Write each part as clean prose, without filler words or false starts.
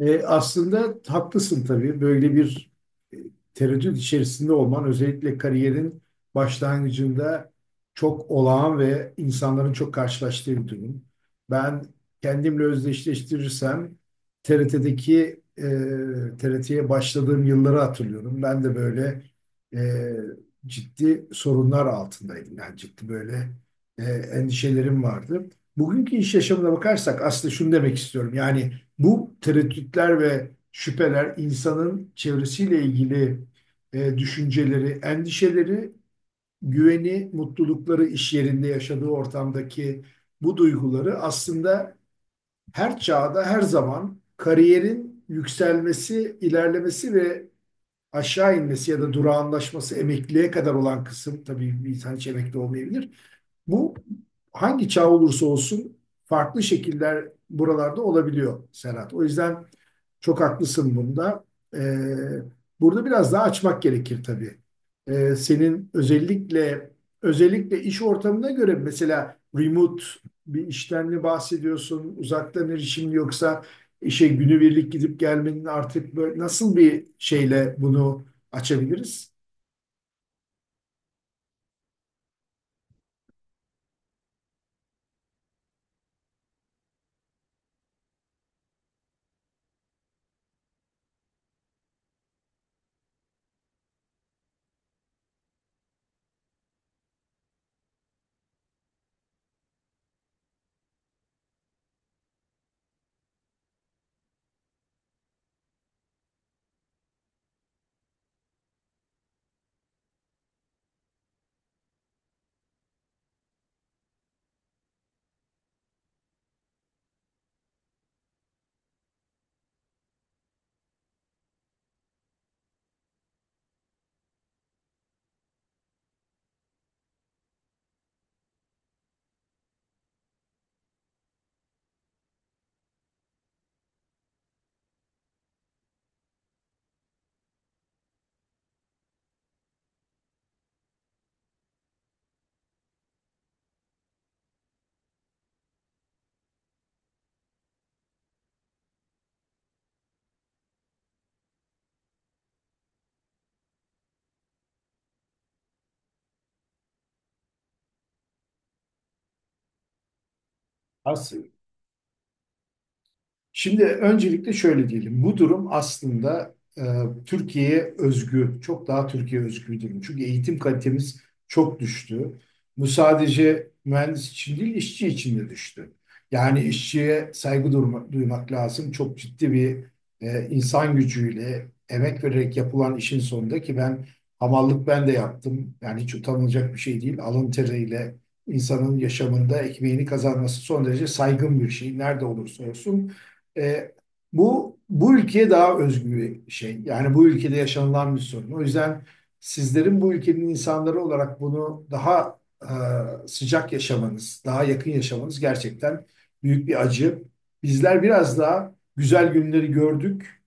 Aslında haklısın tabii. Böyle bir e, tereddüt içerisinde olman özellikle kariyerin başlangıcında çok olağan ve insanların çok karşılaştığı bir durum. Ben kendimle özdeşleştirirsem TRT'deki TRT'ye başladığım yılları hatırlıyorum. Ben de böyle e, ciddi sorunlar altındaydım. Yani ciddi böyle endişelerim vardı. Bugünkü iş yaşamına bakarsak aslında şunu demek istiyorum. Yani bu tereddütler ve şüpheler insanın çevresiyle ilgili düşünceleri, endişeleri, güveni, mutlulukları iş yerinde yaşadığı ortamdaki bu duyguları aslında her çağda, her zaman kariyerin yükselmesi, ilerlemesi ve aşağı inmesi ya da durağanlaşması emekliye kadar olan kısım, tabii bir insan hiç emekli olmayabilir. Bu hangi çağ olursa olsun farklı şekiller buralarda olabiliyor Serhat. O yüzden çok haklısın bunda. Ee, Burada biraz daha açmak gerekir tabii. Senin özellikle iş ortamına göre mesela remote bir işten mi bahsediyorsun? Uzaktan erişim mi yoksa işe günübirlik gidip gelmenin artık böyle nasıl bir şeyle bunu açabiliriz? As- Şimdi öncelikle şöyle diyelim. Bu durum aslında Türkiye'ye özgü, çok daha Türkiye özgü bir durum. Çünkü eğitim kalitemiz çok düştü. Bu sadece mühendis için değil, işçi için de düştü. Yani işçiye saygı duymak lazım. Çok ciddi bir insan gücüyle, emek vererek yapılan işin sonunda ki ben hamallık ben de yaptım. Yani hiç utanılacak bir şey değil. Alın teriyle insanın yaşamında ekmeğini kazanması son derece saygın bir şey. Nerede olursa olsun. E, bu ülkeye daha özgü bir şey. Yani bu ülkede yaşanılan bir sorun. O yüzden sizlerin bu ülkenin insanları olarak bunu daha sıcak yaşamanız, daha yakın yaşamanız gerçekten büyük bir acı. Bizler biraz daha güzel günleri gördük,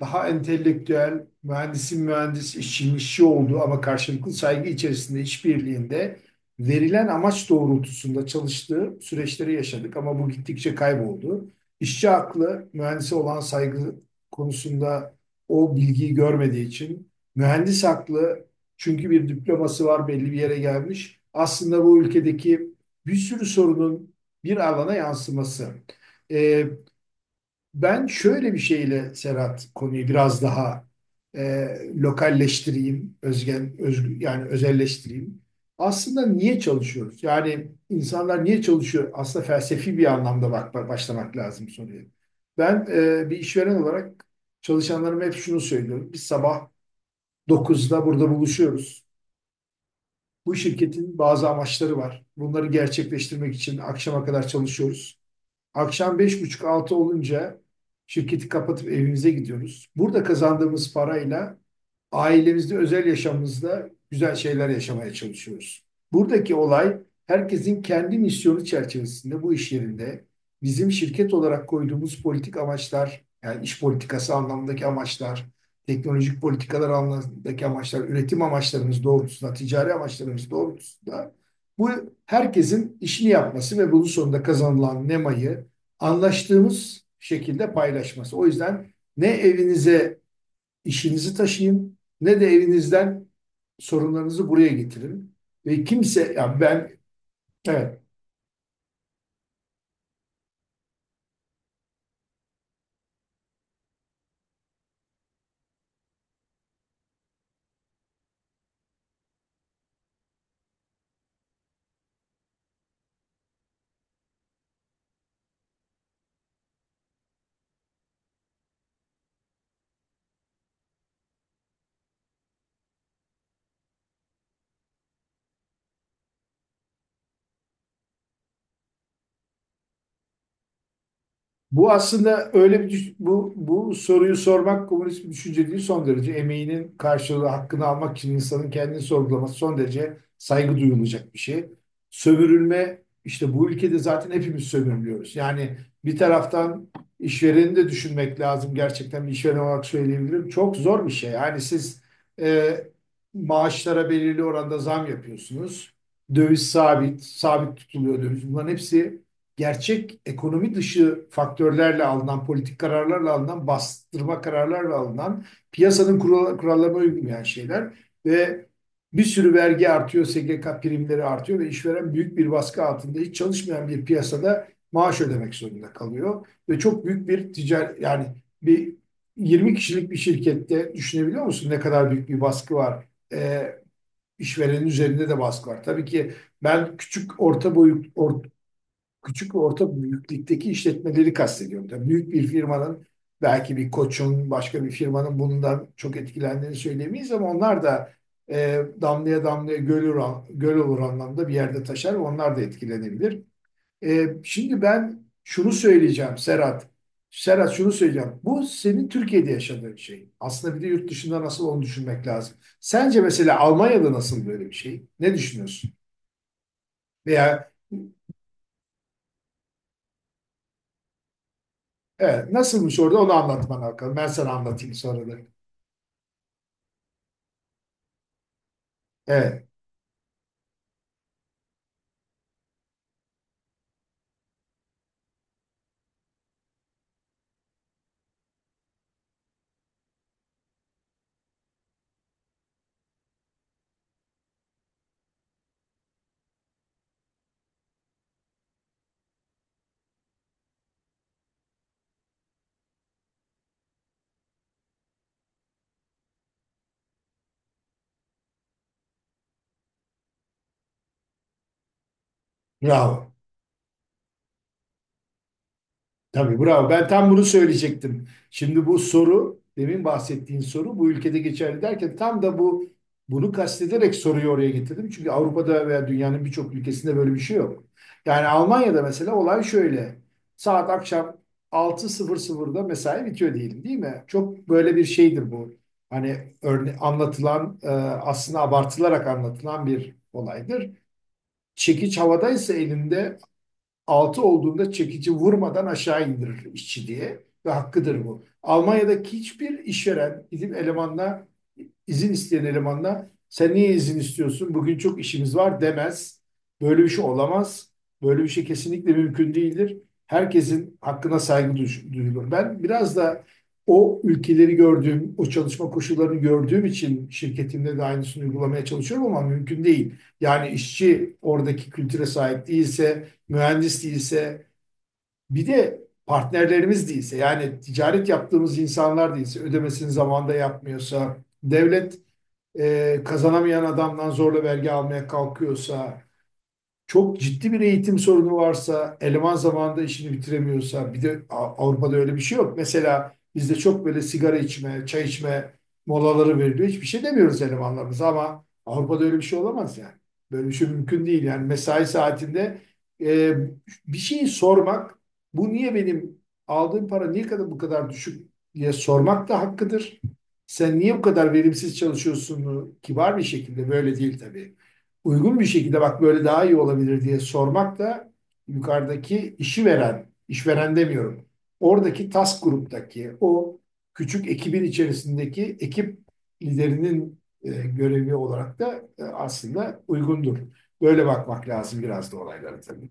daha entelektüel, mühendisin mühendis, işçinin işçi olduğu ama karşılıklı saygı içerisinde işbirliğinde verilen amaç doğrultusunda çalıştığı süreçleri yaşadık ama bu gittikçe kayboldu. İşçi aklı mühendise olan saygı konusunda o bilgiyi görmediği için, mühendis aklı çünkü bir diploması var belli bir yere gelmiş. Aslında bu ülkedeki bir sürü sorunun bir alana yansıması. Ee, Ben şöyle bir şeyle Serhat konuyu biraz daha e, lokalleştireyim, özgen, özgü, yani özelleştireyim. Aslında niye çalışıyoruz? Yani insanlar niye çalışıyor? Aslında felsefi bir anlamda başlamak lazım soruya. Ben bir işveren olarak çalışanlarıma hep şunu söylüyorum. Biz sabah 9'da burada buluşuyoruz. Bu şirketin bazı amaçları var. Bunları gerçekleştirmek için akşama kadar çalışıyoruz. Akşam beş buçuk altı olunca şirketi kapatıp evimize gidiyoruz. Burada kazandığımız parayla ailemizde, özel yaşamımızda güzel şeyler yaşamaya çalışıyoruz. Buradaki olay, herkesin kendi misyonu çerçevesinde bu iş yerinde bizim şirket olarak koyduğumuz politik amaçlar, yani iş politikası anlamındaki amaçlar, teknolojik politikalar anlamındaki amaçlar, üretim amaçlarımız doğrultusunda, ticari amaçlarımız doğrultusunda bu herkesin işini yapması ve bunun sonunda kazanılan nemayı anlaştığımız şekilde paylaşması. O yüzden ne evinize işinizi taşıyın ne de evinizden sorunlarınızı buraya getirin. Ve kimse, ya ben, evet. Bu aslında öyle bir bu soruyu sormak komünist bir düşünce değil, son derece emeğinin karşılığı hakkını almak için insanın kendini sorgulaması son derece saygı duyulacak bir şey. Sömürülme işte bu ülkede zaten hepimiz sömürülüyoruz. Yani bir taraftan işvereni de düşünmek lazım. Gerçekten bir işveren olarak söyleyebilirim. Çok zor bir şey. Yani siz e, maaşlara belirli oranda zam yapıyorsunuz. Döviz sabit, sabit tutuluyor döviz. Bunların hepsi gerçek ekonomi dışı faktörlerle alınan, politik kararlarla alınan, bastırma kararlarla alınan, piyasanın kurallarına uymayan şeyler ve bir sürü vergi artıyor, SGK primleri artıyor ve işveren büyük bir baskı altında hiç çalışmayan bir piyasada maaş ödemek zorunda kalıyor. Ve çok büyük bir ticari, yani bir 20 kişilik bir şirkette düşünebiliyor musun ne kadar büyük bir baskı var? Ee, işverenin üzerinde de baskı var. Tabii ki ben küçük ve orta büyüklükteki işletmeleri kastediyorum. Tabii büyük bir firmanın, belki bir Koç'un, başka bir firmanın bundan çok etkilendiğini söylemeyiz ama onlar da damlaya damlaya göl olur anlamda bir yerde taşar. Onlar da etkilenebilir. Şimdi ben şunu söyleyeceğim Serhat. Serhat şunu söyleyeceğim. Bu senin Türkiye'de yaşadığın şey. Aslında bir de yurt dışında nasıl onu düşünmek lazım. Sence mesela Almanya'da nasıl böyle bir şey? Ne düşünüyorsun? Veya, evet, nasılmış orada onu anlatman bakalım. Ben sana anlatayım sonra da. Evet, bravo. Tabii bravo. Ben tam bunu söyleyecektim. Şimdi bu soru, demin bahsettiğin soru bu ülkede geçerli derken tam da bunu kastederek soruyu oraya getirdim. Çünkü Avrupa'da veya dünyanın birçok ülkesinde böyle bir şey yok. Yani Almanya'da mesela olay şöyle. Saat akşam altı sıfırda mesai bitiyor diyelim değil mi? Çok böyle bir şeydir bu. Hani anlatılan, aslında abartılarak anlatılan bir olaydır. Çekiç havadaysa elinde 6 olduğunda çekici vurmadan aşağı indirir işçi diye, ve hakkıdır bu. Almanya'daki hiçbir işveren izin isteyen elemanla sen niye izin istiyorsun, bugün çok işimiz var demez. Böyle bir şey olamaz. Böyle bir şey kesinlikle mümkün değildir. Herkesin hakkına saygı duyulur. Ben biraz da o ülkeleri gördüğüm, o çalışma koşullarını gördüğüm için şirketimde de aynısını uygulamaya çalışıyorum ama mümkün değil. Yani işçi oradaki kültüre sahip değilse, mühendis değilse, bir de partnerlerimiz değilse, yani ticaret yaptığımız insanlar değilse, ödemesini zamanında yapmıyorsa, devlet kazanamayan adamdan zorla vergi almaya kalkıyorsa, çok ciddi bir eğitim sorunu varsa, eleman zamanında işini bitiremiyorsa, bir de Avrupa'da öyle bir şey yok. Mesela bizde çok böyle sigara içme, çay içme molaları veriliyor. Hiçbir şey demiyoruz elemanlarımıza ama Avrupa'da öyle bir şey olamaz yani. Böyle bir şey mümkün değil. Yani mesai saatinde e, bir şeyi sormak, bu niye benim aldığım para niye kadar bu kadar düşük diye sormak da hakkıdır. Sen niye bu kadar verimsiz çalışıyorsun? Kibar bir şekilde böyle değil tabii, uygun bir şekilde, bak böyle daha iyi olabilir diye sormak da yukarıdaki işi veren, işveren demiyorum, oradaki task gruptaki o küçük ekibin içerisindeki ekip liderinin görevi olarak da aslında uygundur. Böyle bakmak lazım biraz da olaylara tabii.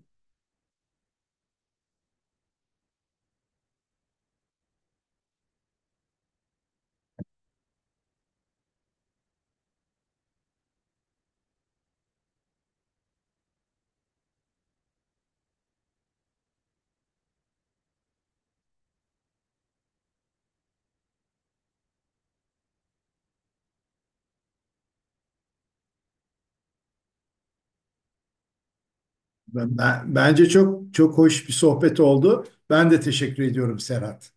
Bence çok çok hoş bir sohbet oldu. Ben de teşekkür ediyorum Serhat.